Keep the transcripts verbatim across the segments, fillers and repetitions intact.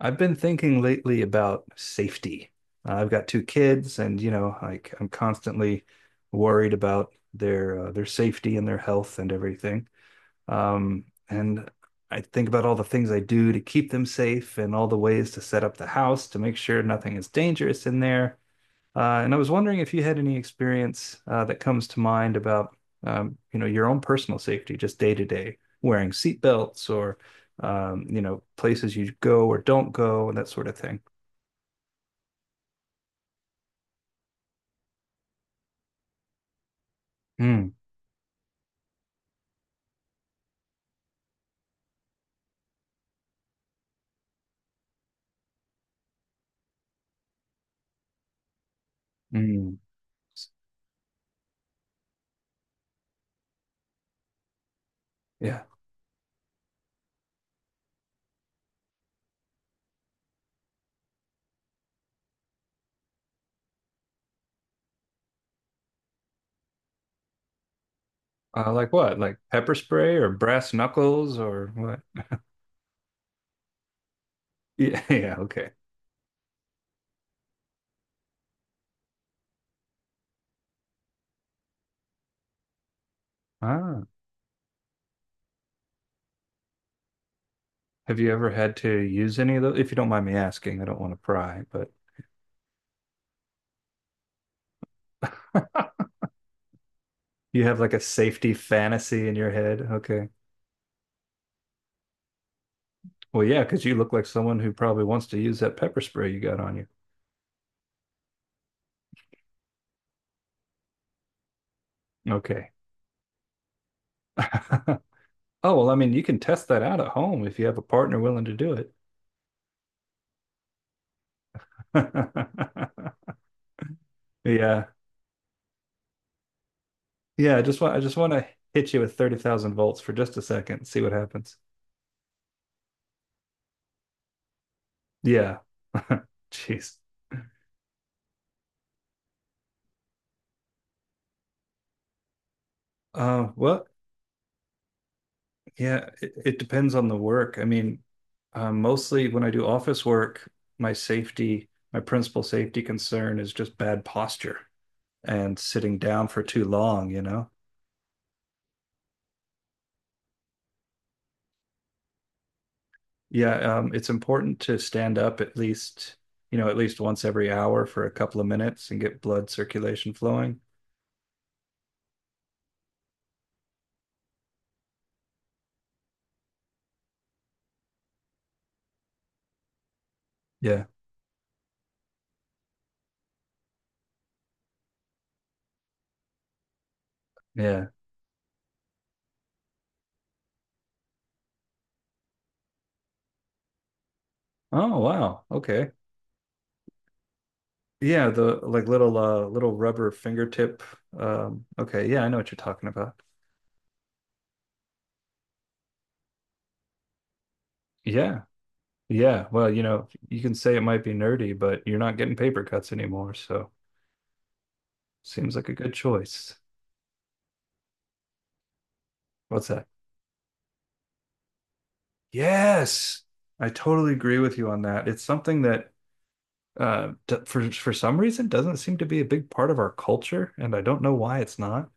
I've been thinking lately about safety. Uh, I've got two kids, and you know, like I'm constantly worried about their uh, their safety and their health and everything. Um, and I think about all the things I do to keep them safe and all the ways to set up the house to make sure nothing is dangerous in there. Uh, and I was wondering if you had any experience uh, that comes to mind about um, you know your own personal safety, just day to day, wearing seat belts or um, you know places you go or don't go and that sort of thing. Mm, mm. Yeah. Uh, like what? Like pepper spray or brass knuckles or what? Yeah, yeah, okay. Ah. Have you ever had to use any of those? If you don't mind me asking, I don't want to pry, but you have like a safety fantasy in your head. Okay. Well, yeah, because you look like someone who probably wants to use that pepper spray you got on you. Okay. Oh, well, I mean, you can test that out at home if you have a partner willing to do it. yeah. Yeah, I just want I just want to hit you with thirty thousand volts for just a second, and see what happens. Yeah. Jeez. Uh, well, yeah, it, it depends on the work. I mean, uh, mostly when I do office work, my safety, my principal safety concern is just bad posture. And sitting down for too long, you know? Yeah, um, it's important to stand up at least, you know, at least once every hour for a couple of minutes and get blood circulation flowing. Yeah, yeah. Oh, wow. Okay. Yeah, the like little uh little rubber fingertip. Um, okay, yeah, I know what you're talking about. Yeah. Yeah. Well, you know, you can say it might be nerdy, but you're not getting paper cuts anymore, so seems like a good choice. What's that? Yes. I totally agree with you on that. It's something that uh, for for some reason doesn't seem to be a big part of our culture, and I don't know why it's not.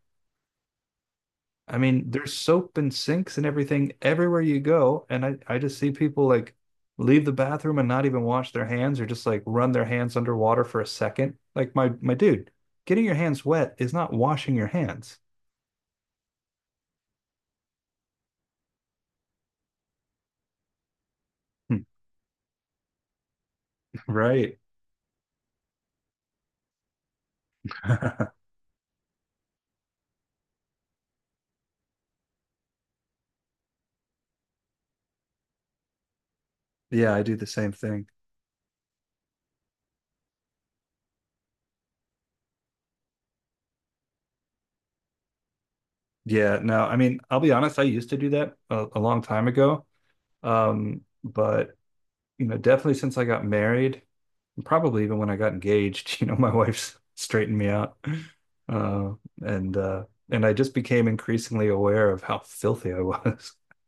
I mean, there's soap and sinks and everything everywhere you go, and I I just see people like leave the bathroom and not even wash their hands or just like run their hands underwater for a second. Like my my dude, getting your hands wet is not washing your hands. Right. Yeah, I do the same thing. Yeah, no, I mean, I'll be honest, I used to do that a, a long time ago. Um, but you know, definitely since I got married, probably even when I got engaged, you know, my wife's straightened me out. Uh, and uh, and I just became increasingly aware of how filthy I was.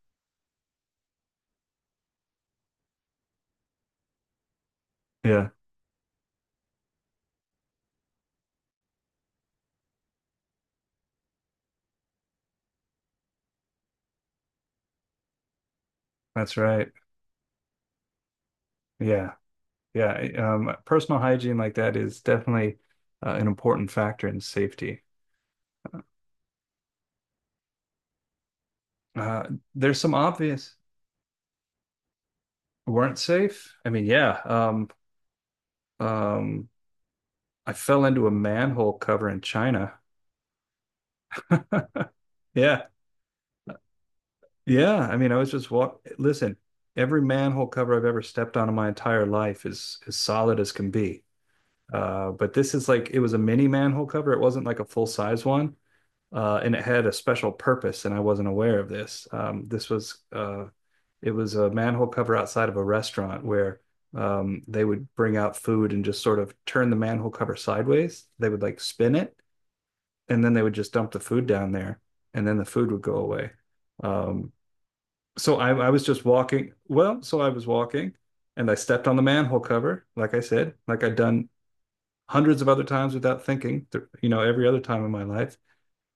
Yeah, that's right. Yeah. Yeah. Um, personal hygiene like that is definitely uh, an important factor in safety. Uh, there's some obvious weren't safe. I mean, yeah. Um, um, I fell into a manhole cover in China. Yeah. Yeah, I mean, I was just walk. Listen, every manhole cover I've ever stepped on in my entire life is as solid as can be. Uh, but this is like it was a mini manhole cover. It wasn't like a full size one, uh, and it had a special purpose. And I wasn't aware of this. Um, this was uh, it was a manhole cover outside of a restaurant where um, they would bring out food and just sort of turn the manhole cover sideways. They would like spin it, and then they would just dump the food down there, and then the food would go away. Um, so I, I was just walking. Well, so I was walking and I stepped on the manhole cover, like I said, like I'd done hundreds of other times without thinking, th- you know, every other time in my life.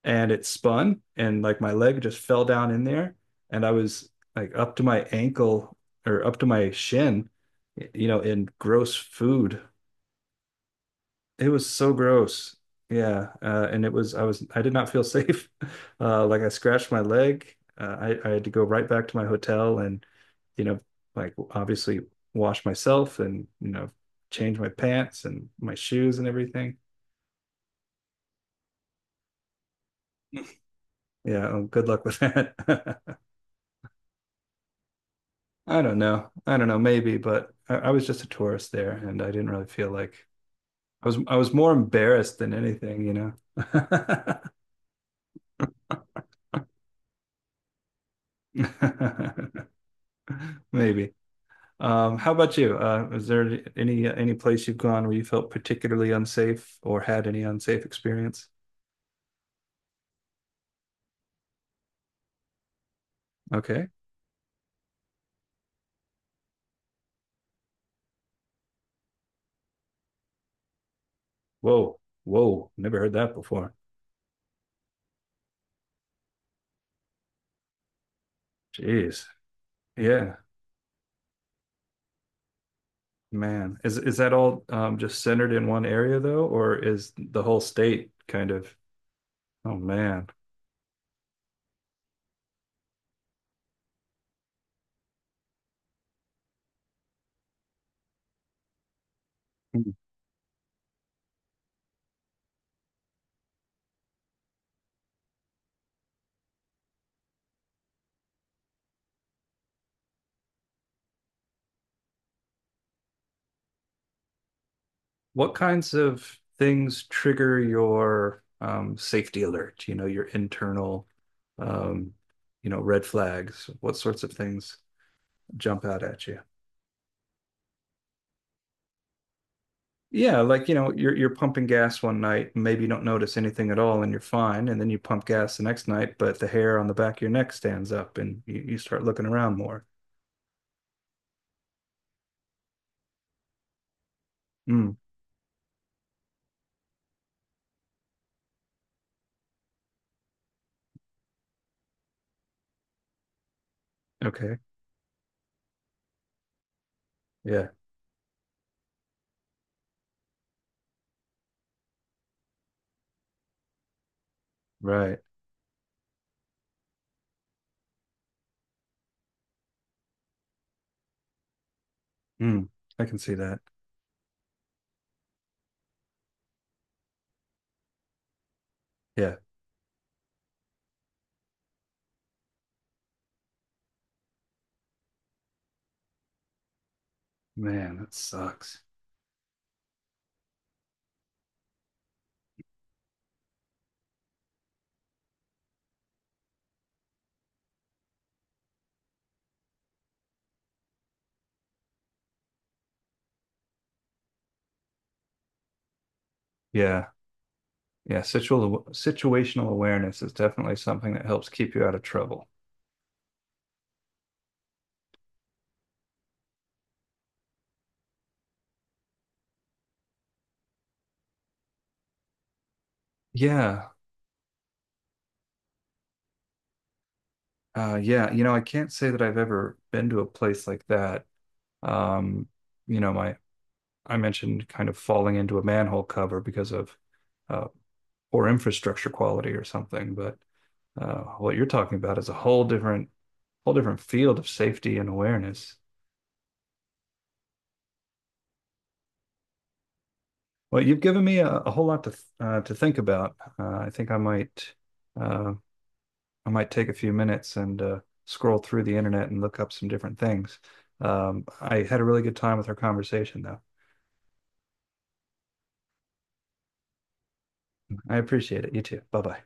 And it spun and like my leg just fell down in there. And I was like up to my ankle or up to my shin, you know, in gross food it was so gross. Yeah, uh, and it was I was I did not feel safe. Uh, like I scratched my leg. Uh, I I had to go right back to my hotel and you know like obviously wash myself and you know change my pants and my shoes and everything. Yeah, um, good luck with that. I don't know. I don't know. Maybe, but I, I was just a tourist there, and I didn't really feel like I was. I was more embarrassed than anything, you know. Maybe. Um, how about you? Uh, is there any any place you've gone where you felt particularly unsafe or had any unsafe experience? Okay. Whoa, whoa, never heard that before. Jeez. Yeah, man. Is is that all um, just centered in one area though, or is the whole state kind of? Oh man. Hmm. What kinds of things trigger your um, safety alert? You know, your internal, um, you know, red flags. What sorts of things jump out at you? Yeah, like you know, you're you're pumping gas one night, and maybe you don't notice anything at all, and you're fine. And then you pump gas the next night, but the hair on the back of your neck stands up, and you, you start looking around more. Mm, okay, yeah, right. Mm, I can see that. Yeah, man, that sucks. Yeah, yeah. Situal situational awareness is definitely something that helps keep you out of trouble. Yeah, uh, yeah. You know, I can't say that I've ever been to a place like that. Um, you know, my I mentioned kind of falling into a manhole cover because of uh, poor infrastructure quality or something. But uh, what you're talking about is a whole different whole different field of safety and awareness. Well, you've given me a, a whole lot to th- uh, to think about. Uh, I think I might uh, I might take a few minutes and uh, scroll through the internet and look up some different things. Um, I had a really good time with our conversation, though. I appreciate it. You too. Bye bye.